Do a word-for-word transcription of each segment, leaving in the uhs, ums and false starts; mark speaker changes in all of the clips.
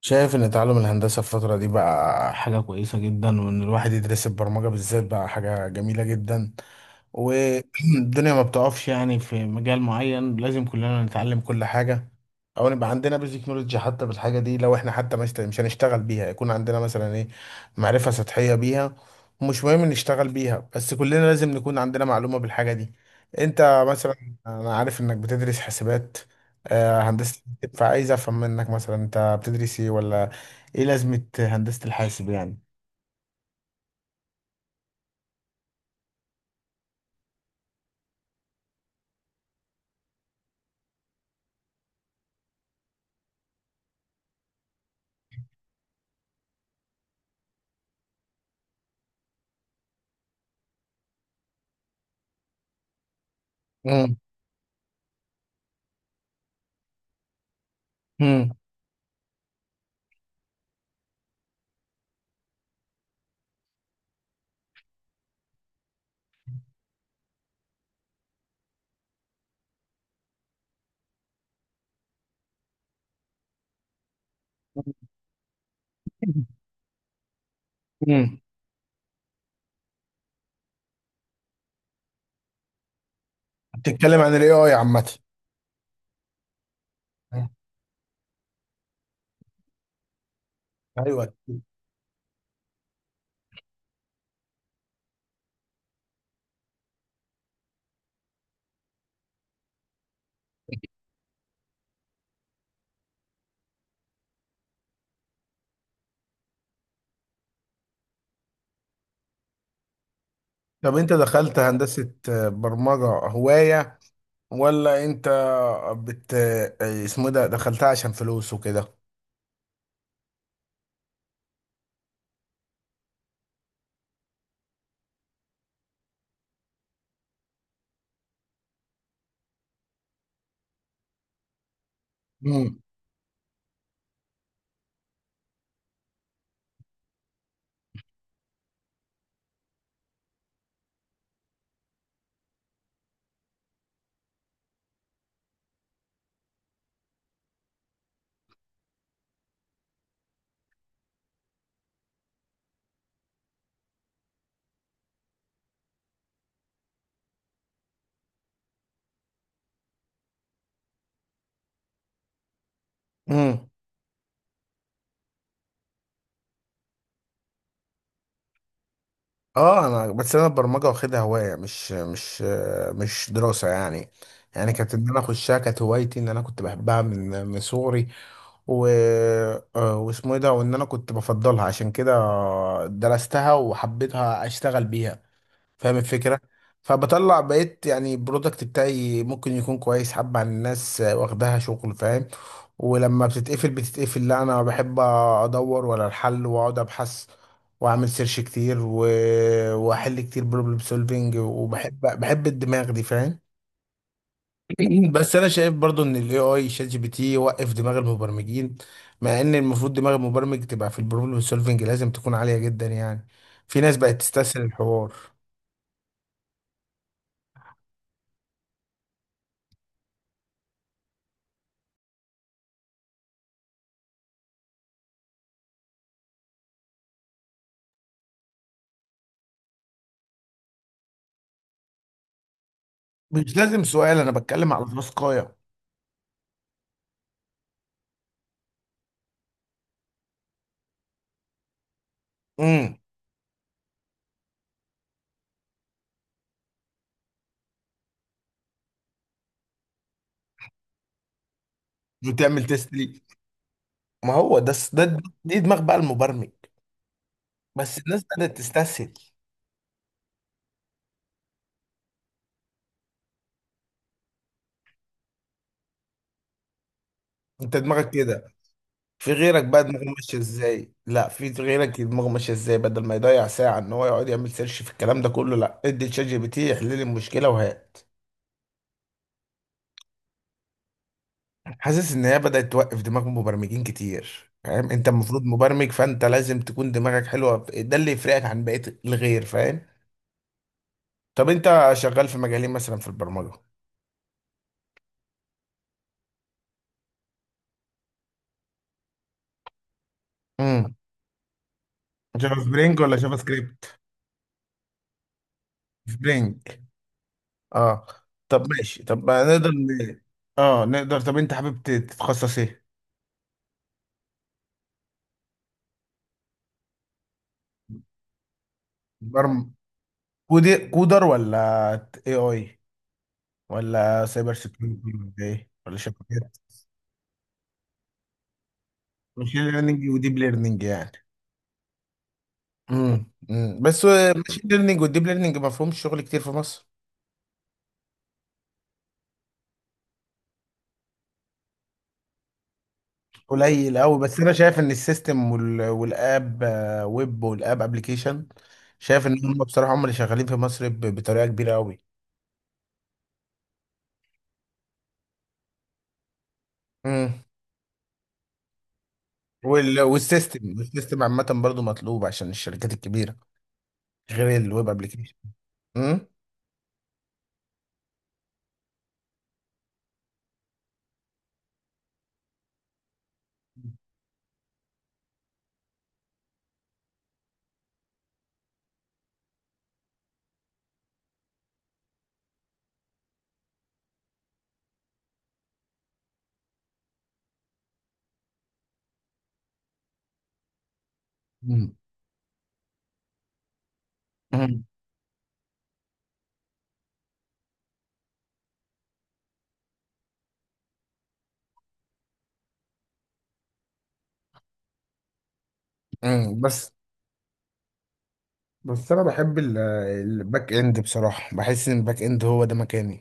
Speaker 1: شايف ان تعلم الهندسة الفترة دي بقى حاجة كويسة جدا، وان الواحد يدرس البرمجة بالذات بقى حاجة جميلة جدا. والدنيا ما بتقفش، يعني في مجال معين لازم كلنا نتعلم كل حاجة، او نبقى عندنا بيزك نولج حتى بالحاجة دي. لو احنا حتى مش مش هنشتغل بيها يكون عندنا مثلا ايه، معرفة سطحية بيها. ومش مهم نشتغل بيها، بس كلنا لازم نكون عندنا معلومة بالحاجة دي. انت مثلا، انا عارف انك بتدرس حاسبات، آه، هندسة. فعايز افهم منك مثلا انت بتدرس ايه، ولا ايه لازمة هندسة الحاسب يعني؟ امم. امم. امم. بتتكلم عن الاي اي عامة؟ مم. ايوه. طب انت دخلت هندسة، برمجة هواية ولا انت بت اسمه إيه ده، دخلتها عشان فلوس وكده؟ امم. امم. اه انا بس انا البرمجة واخدها هواية، مش مش مش دراسة يعني. يعني كانت ان انا اخشها كانت هوايتي، ان انا كنت بحبها من من صغري. و... آه، واسمه ايه ده، وان انا كنت بفضلها عشان كده درستها وحبيتها اشتغل بيها، فاهم الفكرة؟ فبطلع بقيت يعني البرودكت بتاعي ممكن يكون كويس حبة عن الناس آه، واخداها شغل، فاهم؟ ولما بتتقفل بتتقفل لا، انا بحب ادور ولا الحل، واقعد ابحث واعمل سيرش كتير و... واحل كتير بروبلم سولفينج، وبحب بحب الدماغ دي، فاهم؟ بس انا شايف برضو ان الاي اي شات جي بي تي يوقف دماغ المبرمجين، مع ان المفروض دماغ المبرمج تبقى في البروبلم سولفنج لازم تكون عاليه جدا يعني. في ناس بقت تستسهل الحوار. مش لازم سؤال، انا بتكلم على تاسكايه. امم. وتعمل تيست ليه؟ ما هو ده ده دي دماغ بقى المبرمج، بس الناس بدأت تستسهل. انت دماغك كده، في غيرك بقى دماغه ماشيه ازاي؟ لا في غيرك دماغه ماشيه ازاي، بدل ما يضيع ساعه ان هو يقعد يعمل سيرش في الكلام ده كله، لا ادي لشات جي بي تي يحل لي المشكله وهات. حاسس ان هي بدأت توقف دماغ مبرمجين كتير، فاهم؟ انت المفروض مبرمج، فانت لازم تكون دماغك حلوة، ده اللي يفرقك عن بقية الغير، فاهم؟ طب انت شغال في مجالين مثلا في البرمجة؟ امم. جافا سبرينج ولا جافا سكريبت؟ سبرينج. اه. طب ماشي، طب ما نقدر ن... اه نقدر. طب انت حابب ت- تتخصص ايه؟ برم... كودي... كودر، ولا اي اي، ولا سايبر سكيورتي، ولا ايه، ولا شبكات؟ ماشين ليرنينج وديب ليرنينج يعني؟ امم. امم. بس ماشين ليرنينج والديب ليرنينج ما فيهمش شغل كتير في مصر، قليل قوي. بس انا شايف ان السيستم وال... والاب آه، ويب والاب ابلكيشن، شايف ان هم بصراحه هم اللي شغالين في مصر ب... بطريقه كبيره قوي. امم. وال... والسيستم، السيستم عامه برضو مطلوب عشان الشركات الكبيره، غير الويب ابلكيشن. امم. امم. امم. أمم. بس بس انا بحب ال- الباك اند بصراحه، بحس ان الباك اند هو ده مكاني.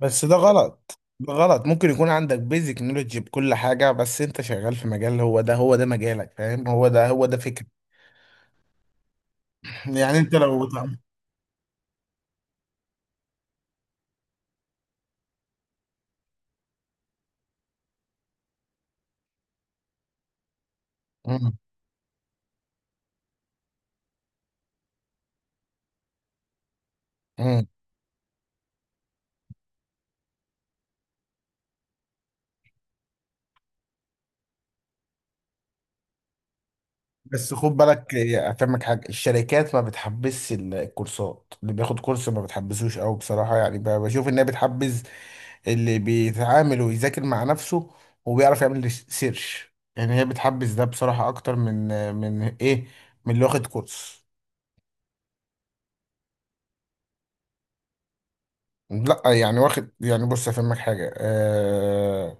Speaker 1: بس ده غلط ده غلط، ممكن يكون عندك بيزك نولوجي بكل حاجة، بس انت شغال في مجال، هو ده هو ده مجالك، فاهم؟ هو ده هو ده فكرة. يعني انت لو بتعمل. مم. مم. بس خد بالك، اه، افهمك حاجة. الشركات ما بتحبس ال- الكورسات، اللي بياخد كورس ما بتحبسوش قوي بصراحة، يعني ب- بشوف انها بتحبس اللي بيتعامل ويذاكر مع نفسه وبيعرف يعمل سيرش، يعني هي بتحبس ده بصراحة اكتر من من ايه، من اللي واخد كورس. لا يعني واخد، يعني بص افهمك حاجه أه...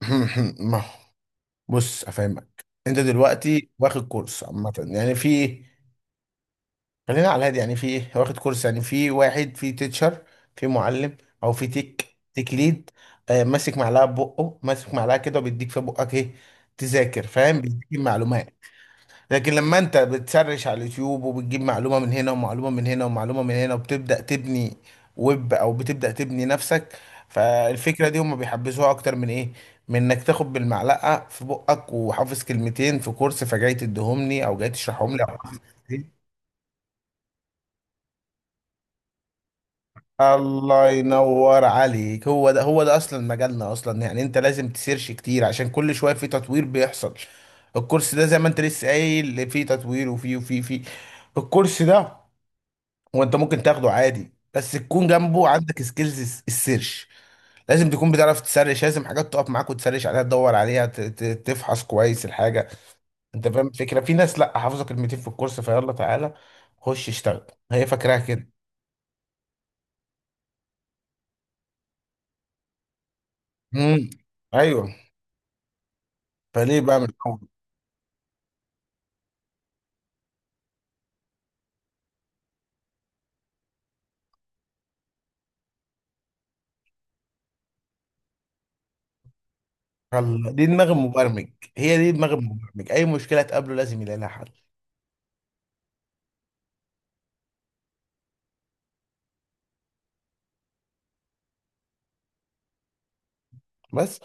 Speaker 1: ما بص افهمك، انت دلوقتي واخد كورس عامه، يعني في، خلينا على الهادي يعني في إيه؟ واخد كورس، يعني في واحد في تيتشر، في معلم، او في تيك تيك ليد، أه ماسك معلقه ببقه، ماسك معلقه كده، وبيديك في بقك ايه، تذاكر، فاهم؟ بيديك المعلومات. لكن لما انت بتسرش على اليوتيوب وبتجيب معلومة من هنا، ومعلومة من هنا، ومعلومة من هنا، وبتبدأ تبني ويب، او بتبدأ تبني نفسك، فالفكرة دي هم بيحبسوها اكتر من ايه، من انك تاخد بالمعلقة في بقك، وحافظ كلمتين في كورس فجاي تديهمني، او جاي تشرحهم لي، او حافظ كلمتين. الله ينور عليك، هو ده هو ده اصلا مجالنا اصلا، يعني انت لازم تسيرش كتير عشان كل شوية في تطوير بيحصل. الكورس ده زي ما انت لسه قايل فيه تطوير، وفيه وفيه فيه الكورس ده، هو انت ممكن تاخده عادي، بس تكون جنبه عندك سكيلز السيرش. لازم تكون بتعرف تسرش، لازم حاجات تقف معاك وتسرش عليها، تدور عليها، ت- ت- تفحص كويس الحاجه. انت فاهم الفكره؟ في ناس لا حافظه كلمتين في الكورس، فيلا تعالى خش اشتغل، هي فاكراها كده. امم. ايوه. فليه بقى من الاول؟ يلا، دي دماغ المبرمج، هي دي دماغ المبرمج، اي مشكله تقابله لازم يلاقي لها حل. بس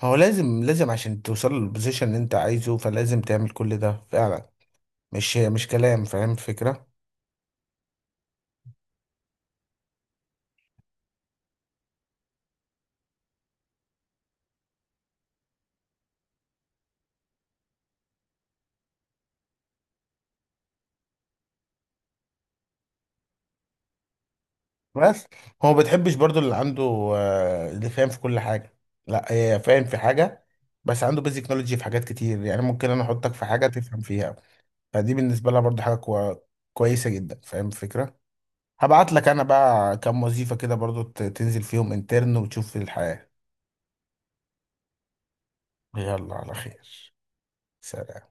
Speaker 1: هو لازم لازم عشان توصل للبوزيشن اللي انت عايزه، فلازم تعمل كل ده فعلا، مش مش كلام، فاهم الفكره؟ بس هو ما بتحبش برضو اللي عنده آه، اللي فاهم في كل حاجة. لا، هي فاهم في حاجة، بس عنده بيزك نولوجي في حاجات كتير، يعني ممكن انا احطك في حاجة تفهم فيها، فدي بالنسبة لها برضو حاجة كوا- كويسة جدا، فاهم الفكرة؟ هبعت لك انا بقى كام وظيفة كده برضو ت- تنزل فيهم انترن وتشوف الحياة. يلا على خير. سلام.